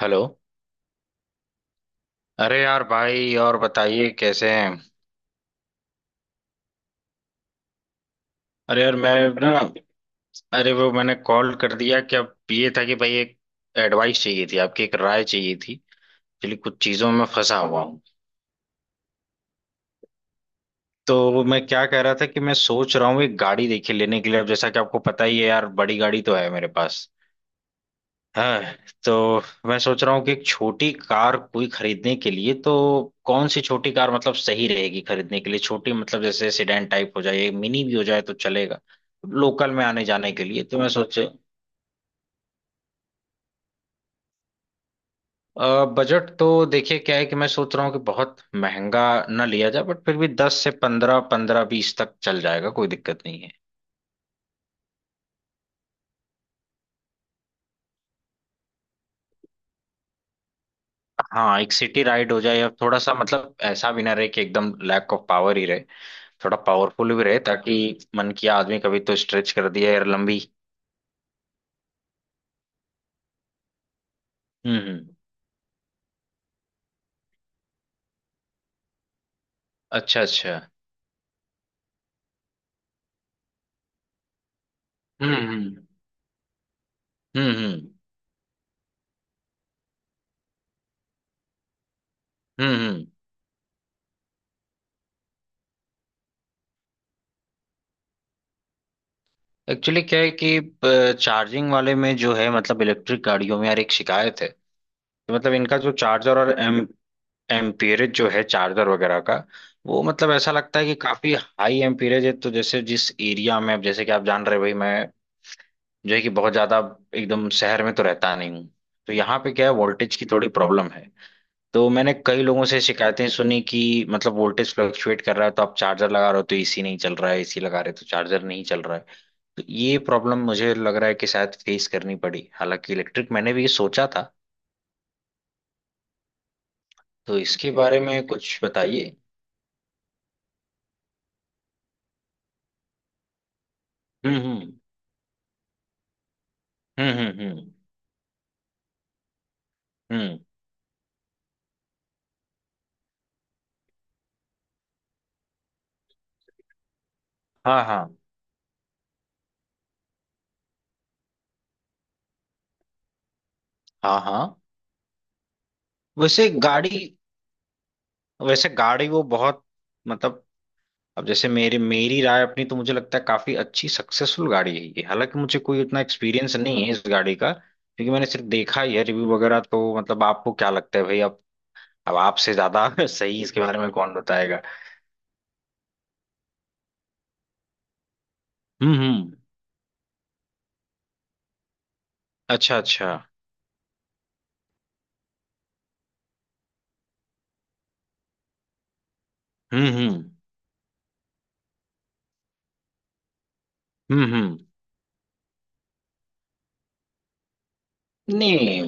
Hello. अरे यार भाई, और बताइए कैसे हैं। अरे यार मैं, ना, अरे वो मैंने कॉल कर दिया कि अब ये था कि भाई एक एडवाइस चाहिए थी आपकी, एक राय चाहिए थी। एक्चुअली कुछ चीजों में फंसा हुआ हूँ। तो मैं क्या कह रहा था कि मैं सोच रहा हूँ एक गाड़ी देखी लेने के लिए। अब जैसा कि आपको पता ही है यार, बड़ी गाड़ी तो है मेरे पास। हाँ। तो मैं सोच रहा हूँ कि एक छोटी कार कोई खरीदने के लिए, तो कौन सी छोटी कार मतलब सही रहेगी खरीदने के लिए, छोटी मतलब जैसे सेडान टाइप हो जाए, मिनी भी हो जाए तो चलेगा, लोकल में आने जाने के लिए। तो मैं सोचे बजट तो देखिए क्या है कि मैं सोच रहा हूँ कि बहुत महंगा ना लिया जाए, बट फिर भी 10 से 15, 15-20 तक चल जाएगा, कोई दिक्कत नहीं है। हाँ, एक सिटी राइड हो जाए या थोड़ा सा मतलब ऐसा भी ना रहे कि एकदम लैक ऑफ पावर ही रहे। थोड़ा पावरफुल भी रहे ताकि मन किया आदमी कभी तो स्ट्रेच कर दिया यार लंबी। हम्म। अच्छा अच्छा। हम्म हम्म। हम्म। एक्चुअली क्या है कि चार्जिंग वाले में जो है मतलब इलेक्ट्रिक गाड़ियों में यार एक शिकायत है कि मतलब इनका जो चार्जर और एम एम्पीरेज जो है चार्जर वगैरह का, वो मतलब ऐसा लगता है कि काफी हाई एम्पीरेज है, तो जैसे जिस एरिया में अब जैसे कि आप जान रहे हो भाई मैं जो है कि बहुत ज्यादा एकदम शहर में तो रहता नहीं हूँ, तो यहाँ पे क्या है वोल्टेज की थोड़ी प्रॉब्लम है। तो मैंने कई लोगों से शिकायतें सुनी कि मतलब वोल्टेज फ्लक्चुएट कर रहा है, तो आप चार्जर लगा रहे हो तो एसी नहीं चल रहा है, एसी लगा रहे हो तो चार्जर नहीं चल रहा है। तो ये प्रॉब्लम मुझे लग रहा है कि शायद फेस करनी पड़ी, हालांकि इलेक्ट्रिक मैंने भी ये सोचा था। तो इसके बारे में कुछ बताइए। हम्म। हम्म। हम्म, हाँ हाँ। हाँ हाँ। वैसे गाड़ी वैसे गाड़ी वो बहुत, मतलब अब जैसे मेरी मेरी राय अपनी तो मुझे लगता है काफी अच्छी सक्सेसफुल गाड़ी है ये, हालांकि मुझे कोई उतना एक्सपीरियंस नहीं है इस गाड़ी का, क्योंकि मैंने सिर्फ देखा ही है रिव्यू वगैरह। तो मतलब आपको क्या लगता है भाई, अब आपसे ज्यादा सही इसके बारे में कौन बताएगा। हम्म। अच्छा अच्छा। हम्म। हम्म। नहीं,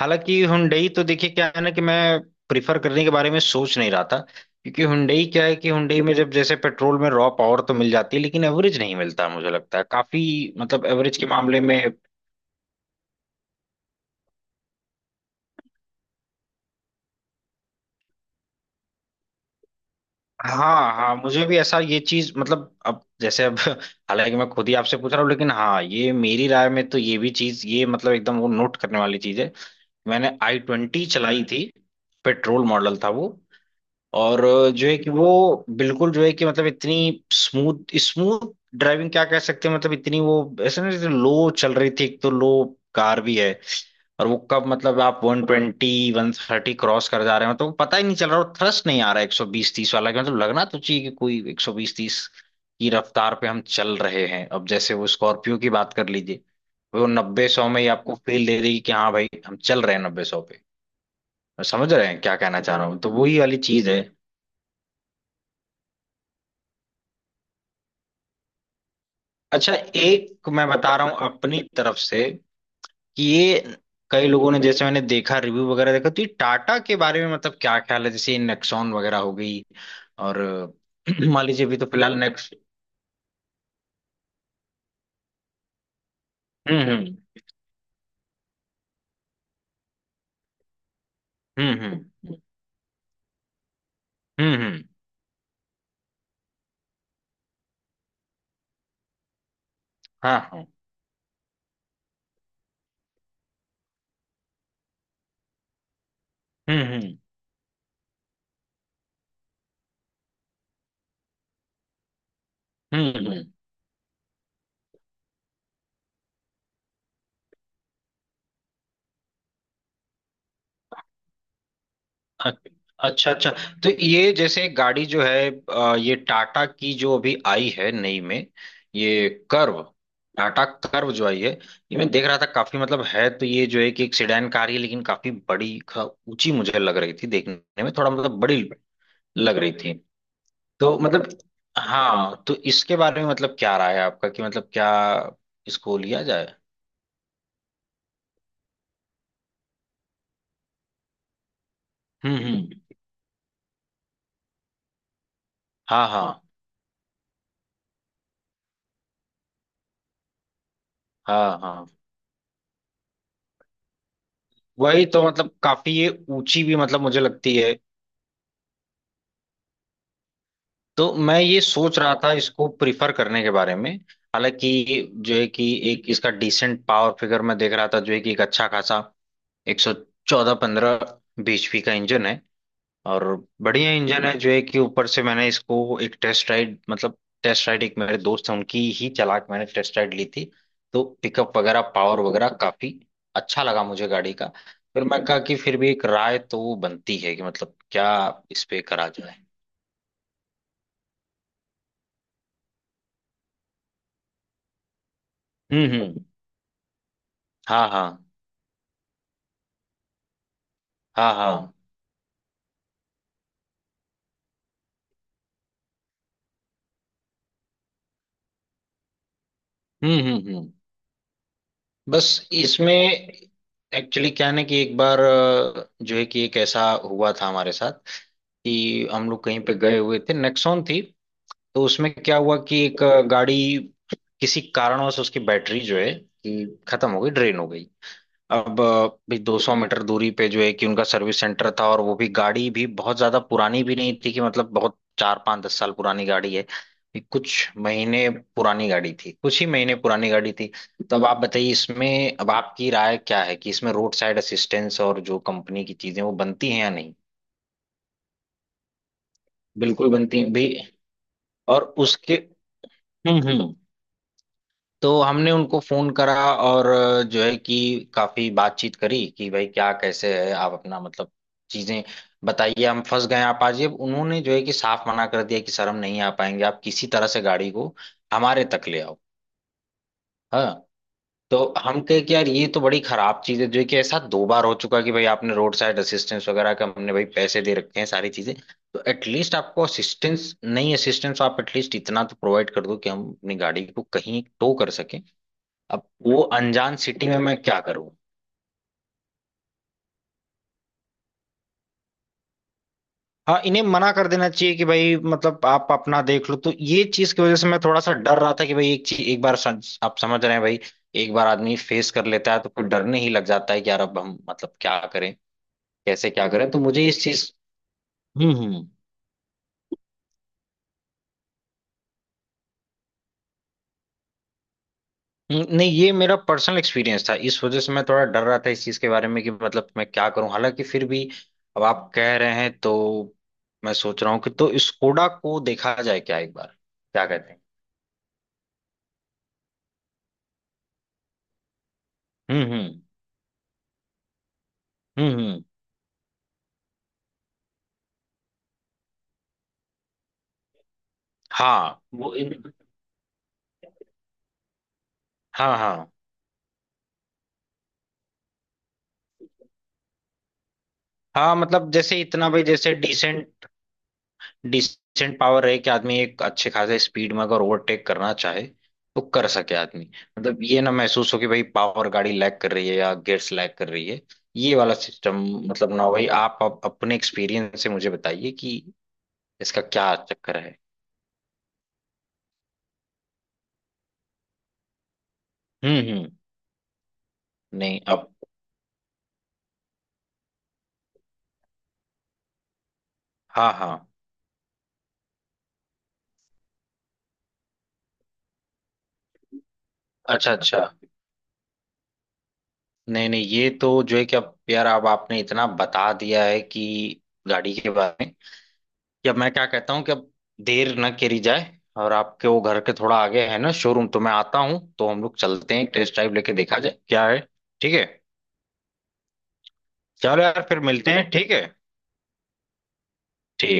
हालांकि हुंडई तो देखिए क्या है ना, कि मैं प्रिफर करने के बारे में सोच नहीं रहा था, क्योंकि हुंडई क्या है कि हुंडई में जब जैसे पेट्रोल में रॉ पावर तो मिल जाती है लेकिन एवरेज नहीं मिलता मुझे लगता है काफी, मतलब एवरेज के मामले में। हाँ हाँ, मुझे भी ऐसा ये चीज, मतलब अब जैसे अब हालांकि मैं खुद ही आपसे पूछ रहा हूँ लेकिन हाँ ये मेरी राय में तो ये भी चीज, ये मतलब एकदम वो नोट करने वाली चीज है। मैंने i20 चलाई थी, पेट्रोल मॉडल था वो। और जो है कि वो बिल्कुल जो है कि मतलब इतनी स्मूथ स्मूथ ड्राइविंग क्या कह सकते हैं, मतलब इतनी वो ऐसे ना जैसे लो चल रही थी, एक तो लो कार भी है, और वो कब मतलब आप 120-130 क्रॉस कर जा रहे हो तो पता ही नहीं चल रहा, और थ्रस्ट नहीं आ रहा 120-130 वाला, कि मतलब लगना तो चाहिए कि कोई 120-130 की रफ्तार पे हम चल रहे हैं। अब जैसे वो स्कॉर्पियो की बात कर लीजिए, वो नब्बे सौ में ही आपको फील दे देगी कि हाँ भाई हम चल रहे हैं 90-100 पे। समझ रहे हैं क्या कहना चाह रहा हूँ, तो वही वाली चीज है। अच्छा, एक मैं बता रहा हूँ अपनी तरफ से कि ये कई लोगों ने, जैसे मैंने देखा रिव्यू वगैरह देखा, तो ये टाटा के बारे में मतलब क्या ख्याल है, जैसे ये नेक्सॉन वगैरह हो गई। और मान लीजिए अभी तो फिलहाल नेक्स्ट हम्म हम्म। हम्म। हाँ हाँ। हम्म। हम्म हम्म हम्म, अ- अच्छा अच्छा। तो ये जैसे गाड़ी जो है ये टाटा की जो अभी आई है नई में, ये कर्व, टाटा कर्व जो आई है ये मैं देख रहा था काफी, मतलब है तो ये जो है कि एक सेडान कार ही है, लेकिन काफी बड़ी ऊंची मुझे लग रही थी देखने में, थोड़ा मतलब बड़ी लग रही थी। तो मतलब हाँ, तो इसके बारे में मतलब क्या राय है आपका, कि मतलब क्या इसको लिया जाए। हम्म। हाँ हाँ। हाँ हाँ। वही तो मतलब काफी ये ऊंची भी मतलब मुझे लगती है। तो मैं ये सोच रहा था इसको प्रिफर करने के बारे में, हालांकि जो है कि एक इसका डिसेंट पावर फिगर मैं देख रहा था जो है कि एक अच्छा खासा 114-115 बीएचपी का इंजन है। और बढ़िया इंजन है जो है कि, ऊपर से मैंने इसको एक टेस्ट राइड मतलब टेस्ट राइड एक मेरे दोस्त हैं उनकी ही चला के मैंने टेस्ट राइड ली थी। तो पिकअप वगैरह पावर वगैरह काफी अच्छा लगा मुझे गाड़ी का। फिर मैं कहा कि फिर भी एक राय तो बनती है कि मतलब क्या इस पे करा जाए। हम्म। हाँ हाँ। हाँ हाँ। हम्म। बस इसमें एक्चुअली क्या है ना, कि एक बार जो है कि एक ऐसा हुआ था हमारे साथ कि हम लोग कहीं पे गए हुए थे नेक्सॉन थी, तो उसमें क्या हुआ कि एक गाड़ी किसी कारणवश उसकी बैटरी जो है कि खत्म हो गई, ड्रेन हो गई। अब भी 200 मीटर दूरी पे जो है कि उनका सर्विस सेंटर था, और वो भी गाड़ी भी बहुत ज्यादा पुरानी भी नहीं थी, कि मतलब बहुत चार पांच दस साल पुरानी गाड़ी है, ये कुछ महीने पुरानी गाड़ी थी, कुछ ही महीने पुरानी गाड़ी थी। तो अब आप बताइए इसमें अब आपकी राय क्या है कि इसमें रोड साइड असिस्टेंस और जो कंपनी की चीजें वो बनती हैं या नहीं। बिल्कुल बनती हैं भी। और उसके हम्म। तो हमने उनको फोन करा और जो है कि काफी बातचीत करी कि भाई क्या कैसे है आप अपना मतलब चीजें बताइए, हम फंस गए हैं, आप आ जाइए। अब उन्होंने जो है कि साफ मना कर दिया कि सर हम नहीं आ पाएंगे, आप किसी तरह से गाड़ी को हमारे तक ले आओ। हाँ। तो हम कहे कि यार ये तो बड़ी खराब चीज है जो है कि ऐसा दो बार हो चुका, कि भाई आपने रोड साइड असिस्टेंस वगैरह का हमने भाई पैसे दे रखे हैं सारी चीजें, तो एटलीस्ट आपको असिस्टेंस नहीं, असिस्टेंस आप एटलीस्ट इतना तो प्रोवाइड कर दो कि हम अपनी गाड़ी को कहीं टो कर सकें। अब वो अनजान सिटी में मैं क्या करूं। हाँ, इन्हें मना कर देना चाहिए कि भाई मतलब आप अपना देख लो। तो ये चीज की वजह से मैं थोड़ा सा डर रहा था कि भाई एक चीज एक बार आप समझ रहे हैं भाई, एक बार आदमी फेस कर लेता है तो फिर डरने ही लग जाता है कि यार अब हम मतलब क्या करें, कैसे क्या करें, तो मुझे इस चीज। हम्म हम्म नहीं ये मेरा पर्सनल एक्सपीरियंस था, इस वजह से मैं थोड़ा डर रहा था इस चीज के बारे में, कि मतलब मैं क्या करूं, हालांकि फिर भी अब आप कह रहे हैं तो मैं सोच रहा हूँ कि, तो स्कोडा को देखा जाए क्या एक बार, क्या कहते हैं। हम्म। हम्म हम्म, हाँ वो इन। हाँ हाँ। हाँ, मतलब जैसे इतना भाई, जैसे डिसेंट डिसेंट पावर रहे कि आदमी एक अच्छे खासे स्पीड में अगर ओवरटेक करना चाहे तो कर सके आदमी। मतलब ये ना महसूस हो कि भाई पावर गाड़ी लैग कर रही है या गियर्स लैग कर रही है, ये वाला सिस्टम मतलब ना हो भाई। आप अपने एक्सपीरियंस से मुझे बताइए कि इसका क्या चक्कर है। हम्म। नहीं अब, हाँ हाँ। अच्छा अच्छा। नहीं नहीं ये तो जो है कि अब यार अब आपने इतना बता दिया है कि गाड़ी के बारे में, कि अब मैं क्या कहता हूँ कि अब देर न करी जाए, और आपके वो घर के थोड़ा आगे है ना शोरूम, तो मैं आता हूँ तो हम लोग चलते हैं, टेस्ट ड्राइव लेके देखा जाए क्या है। ठीक है। चलो यार फिर मिलते हैं, ठीक है। ठीक।